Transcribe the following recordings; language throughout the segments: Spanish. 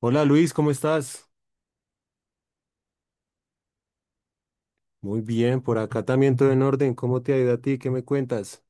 Hola Luis, ¿cómo estás? Muy bien, por acá también todo en orden. ¿Cómo te ha ido a ti? ¿Qué me cuentas?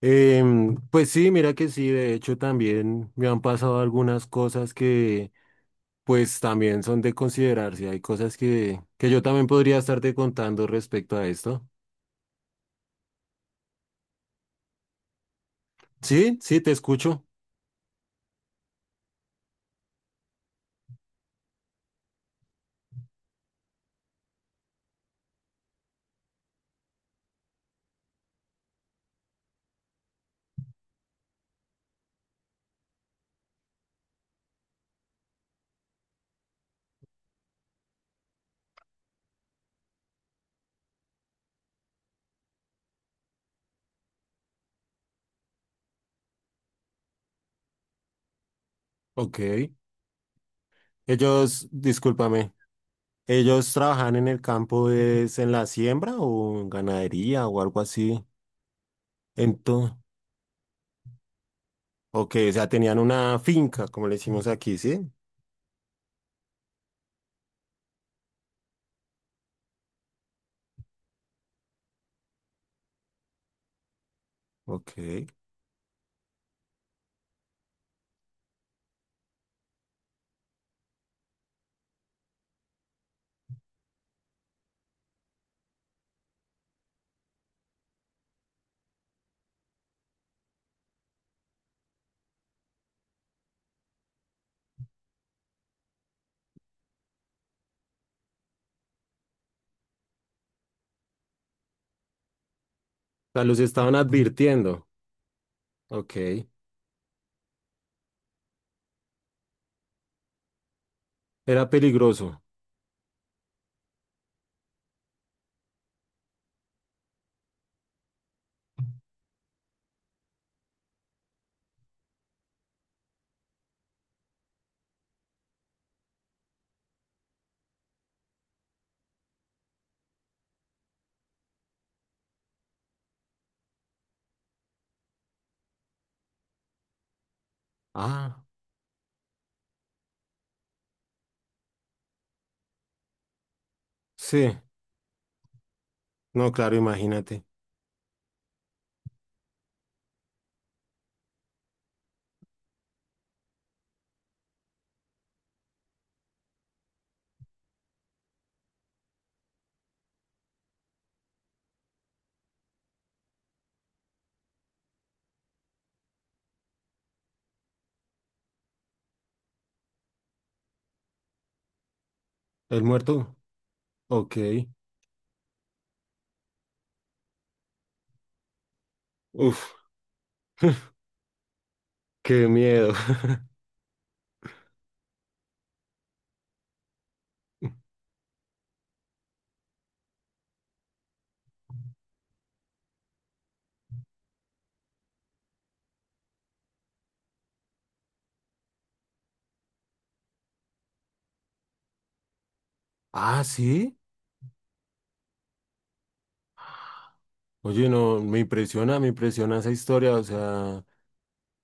Pues sí, mira que sí, de hecho también me han pasado algunas cosas que pues también son de considerarse. Hay cosas que yo también podría estarte contando respecto a esto. Sí, sí, te escucho. Ok. Ellos, discúlpame, ¿ellos trabajan en el campo, es en la siembra o en ganadería o algo así? Entonces... Ok, o sea, tenían una finca, como le decimos aquí, ¿sí? Ok. O sea, los estaban advirtiendo. Ok. Era peligroso. Ah, sí. No, claro, imagínate. El muerto. Ok. Uf, qué miedo. Ah, sí. Oye, no, me impresiona esa historia. O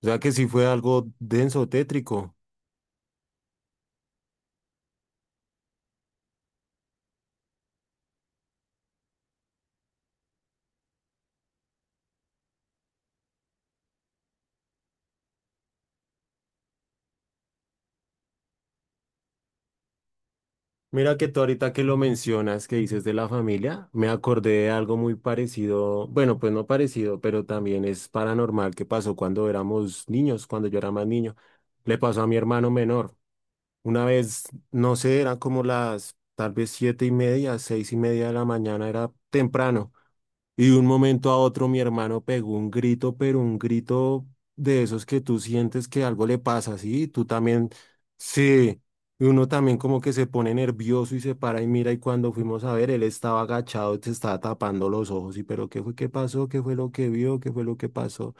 sea que sí fue algo denso, tétrico. Mira que tú ahorita que lo mencionas, que dices de la familia, me acordé de algo muy parecido, bueno, pues no parecido, pero también es paranormal que pasó cuando éramos niños, cuando yo era más niño. Le pasó a mi hermano menor. Una vez, no sé, eran como las tal vez 7:30, 6:30 de la mañana, era temprano. Y de un momento a otro mi hermano pegó un grito, pero un grito de esos que tú sientes que algo le pasa, ¿sí? Tú también, sí, y uno también como que se pone nervioso y se para y mira y cuando fuimos a ver, él estaba agachado, se estaba tapando los ojos y pero ¿qué fue? ¿Qué pasó? ¿Qué fue lo que vio? ¿Qué fue lo que pasó?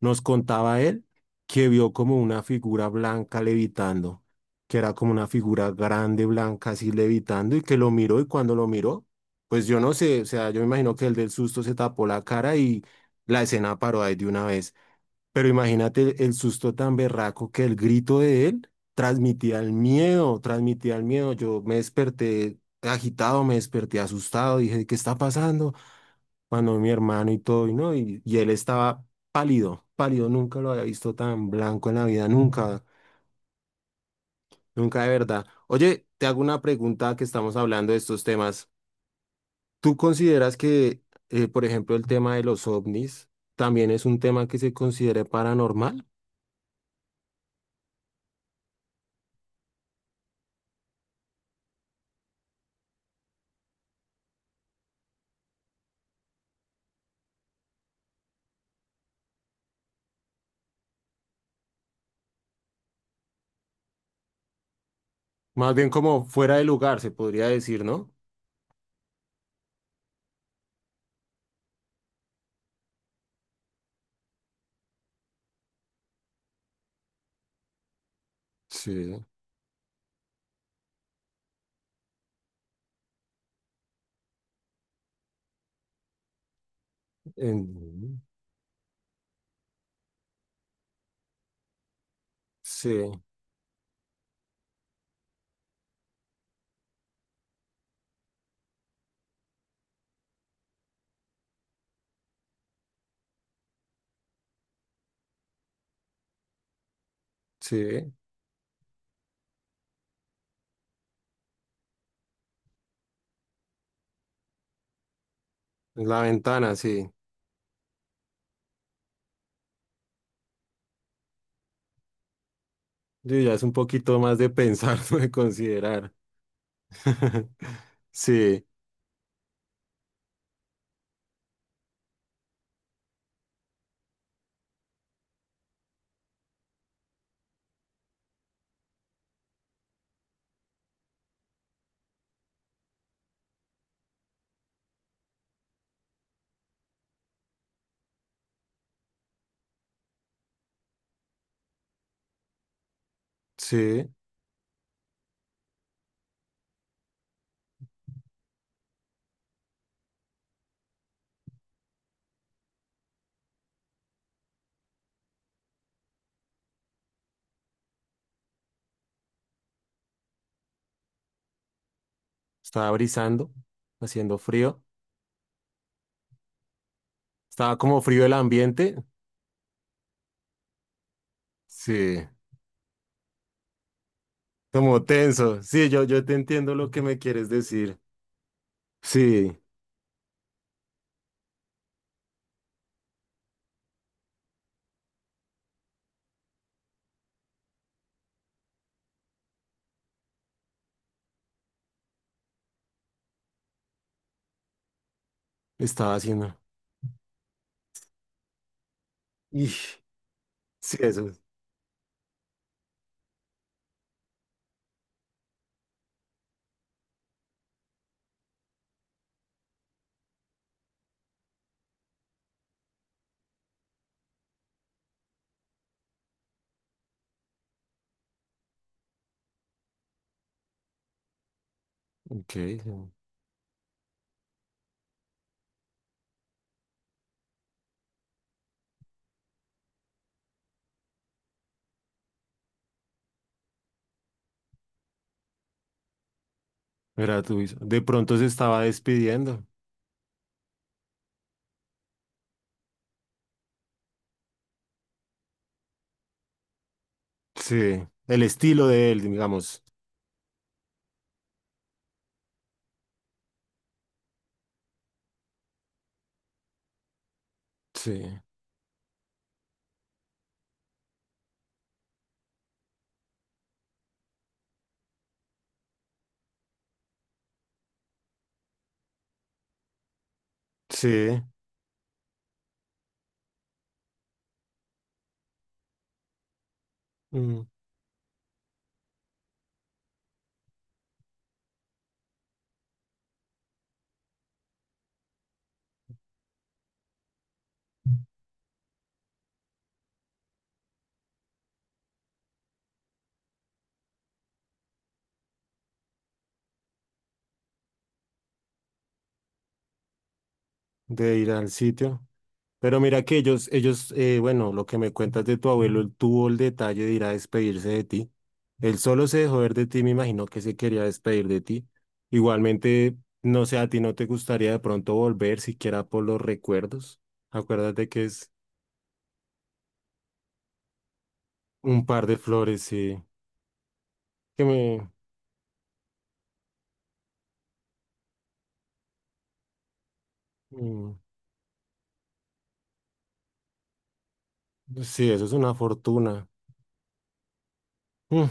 Nos contaba él que vio como una figura blanca levitando, que era como una figura grande blanca así levitando y que lo miró y cuando lo miró, pues yo no sé, o sea, yo me imagino que el del susto se tapó la cara y la escena paró ahí de una vez. Pero imagínate el susto tan berraco que el grito de él transmitía el miedo, transmitía el miedo. Yo me desperté agitado, me desperté asustado, dije, ¿qué está pasando? Cuando mi hermano y todo, y no, y él estaba pálido, pálido, nunca lo había visto tan blanco en la vida, nunca, nunca de verdad. Oye, te hago una pregunta que estamos hablando de estos temas. ¿Tú consideras que, por ejemplo, el tema de los ovnis también es un tema que se considere paranormal? Más bien como fuera de lugar, se podría decir, ¿no? Sí, en- sí, sí, en la ventana, sí. Sí, ya es un poquito más de pensar, de considerar. Sí, sí, estaba brisando, haciendo frío. Estaba como frío el ambiente. Sí, como tenso. Sí, yo te entiendo lo que me quieres decir. Sí, estaba haciendo. Ish, sí, eso. Ok, era tu de pronto se estaba despidiendo. Sí, el estilo de él, digamos. Sí, sí, mm, de ir al sitio. Pero mira que ellos, bueno, lo que me cuentas de tu abuelo, él tuvo el detalle de ir a despedirse de ti. Él solo se dejó ver de ti, me imagino que se quería despedir de ti. Igualmente, no sé, a ti no te gustaría de pronto volver, siquiera por los recuerdos. Acuérdate que es un par de flores, sí. Que me... mm, sí, eso es una fortuna. Mm,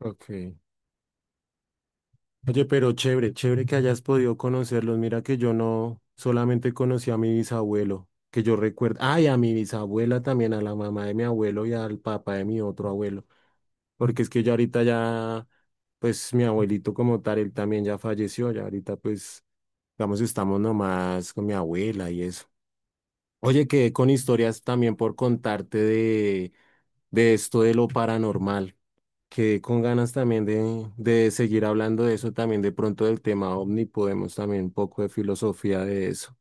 ok. Oye, pero chévere, chévere que hayas podido conocerlos. Mira que yo no solamente conocí a mi bisabuelo, que yo recuerdo. Ay, a mi bisabuela también, a la mamá de mi abuelo y al papá de mi otro abuelo. Porque es que yo ahorita ya, pues mi abuelito como tal, él también ya falleció. Ya ahorita, pues, digamos, estamos nomás con mi abuela y eso. Oye, quedé con historias también por contarte de, esto de lo paranormal. Quedé con ganas también de seguir hablando de eso, también de pronto del tema ovni, podemos también un poco de filosofía de eso.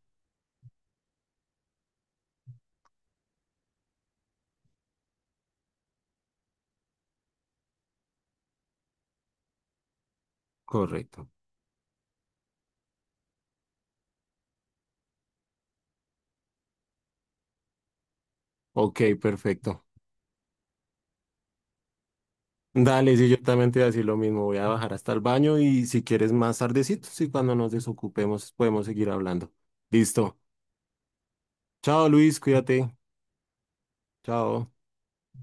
Correcto. Ok, perfecto. Dale, sí, yo también te voy a decir lo mismo, voy a bajar hasta el baño y si quieres más tardecito, sí, cuando nos desocupemos podemos seguir hablando. Listo. Chao Luis, cuídate. Chao.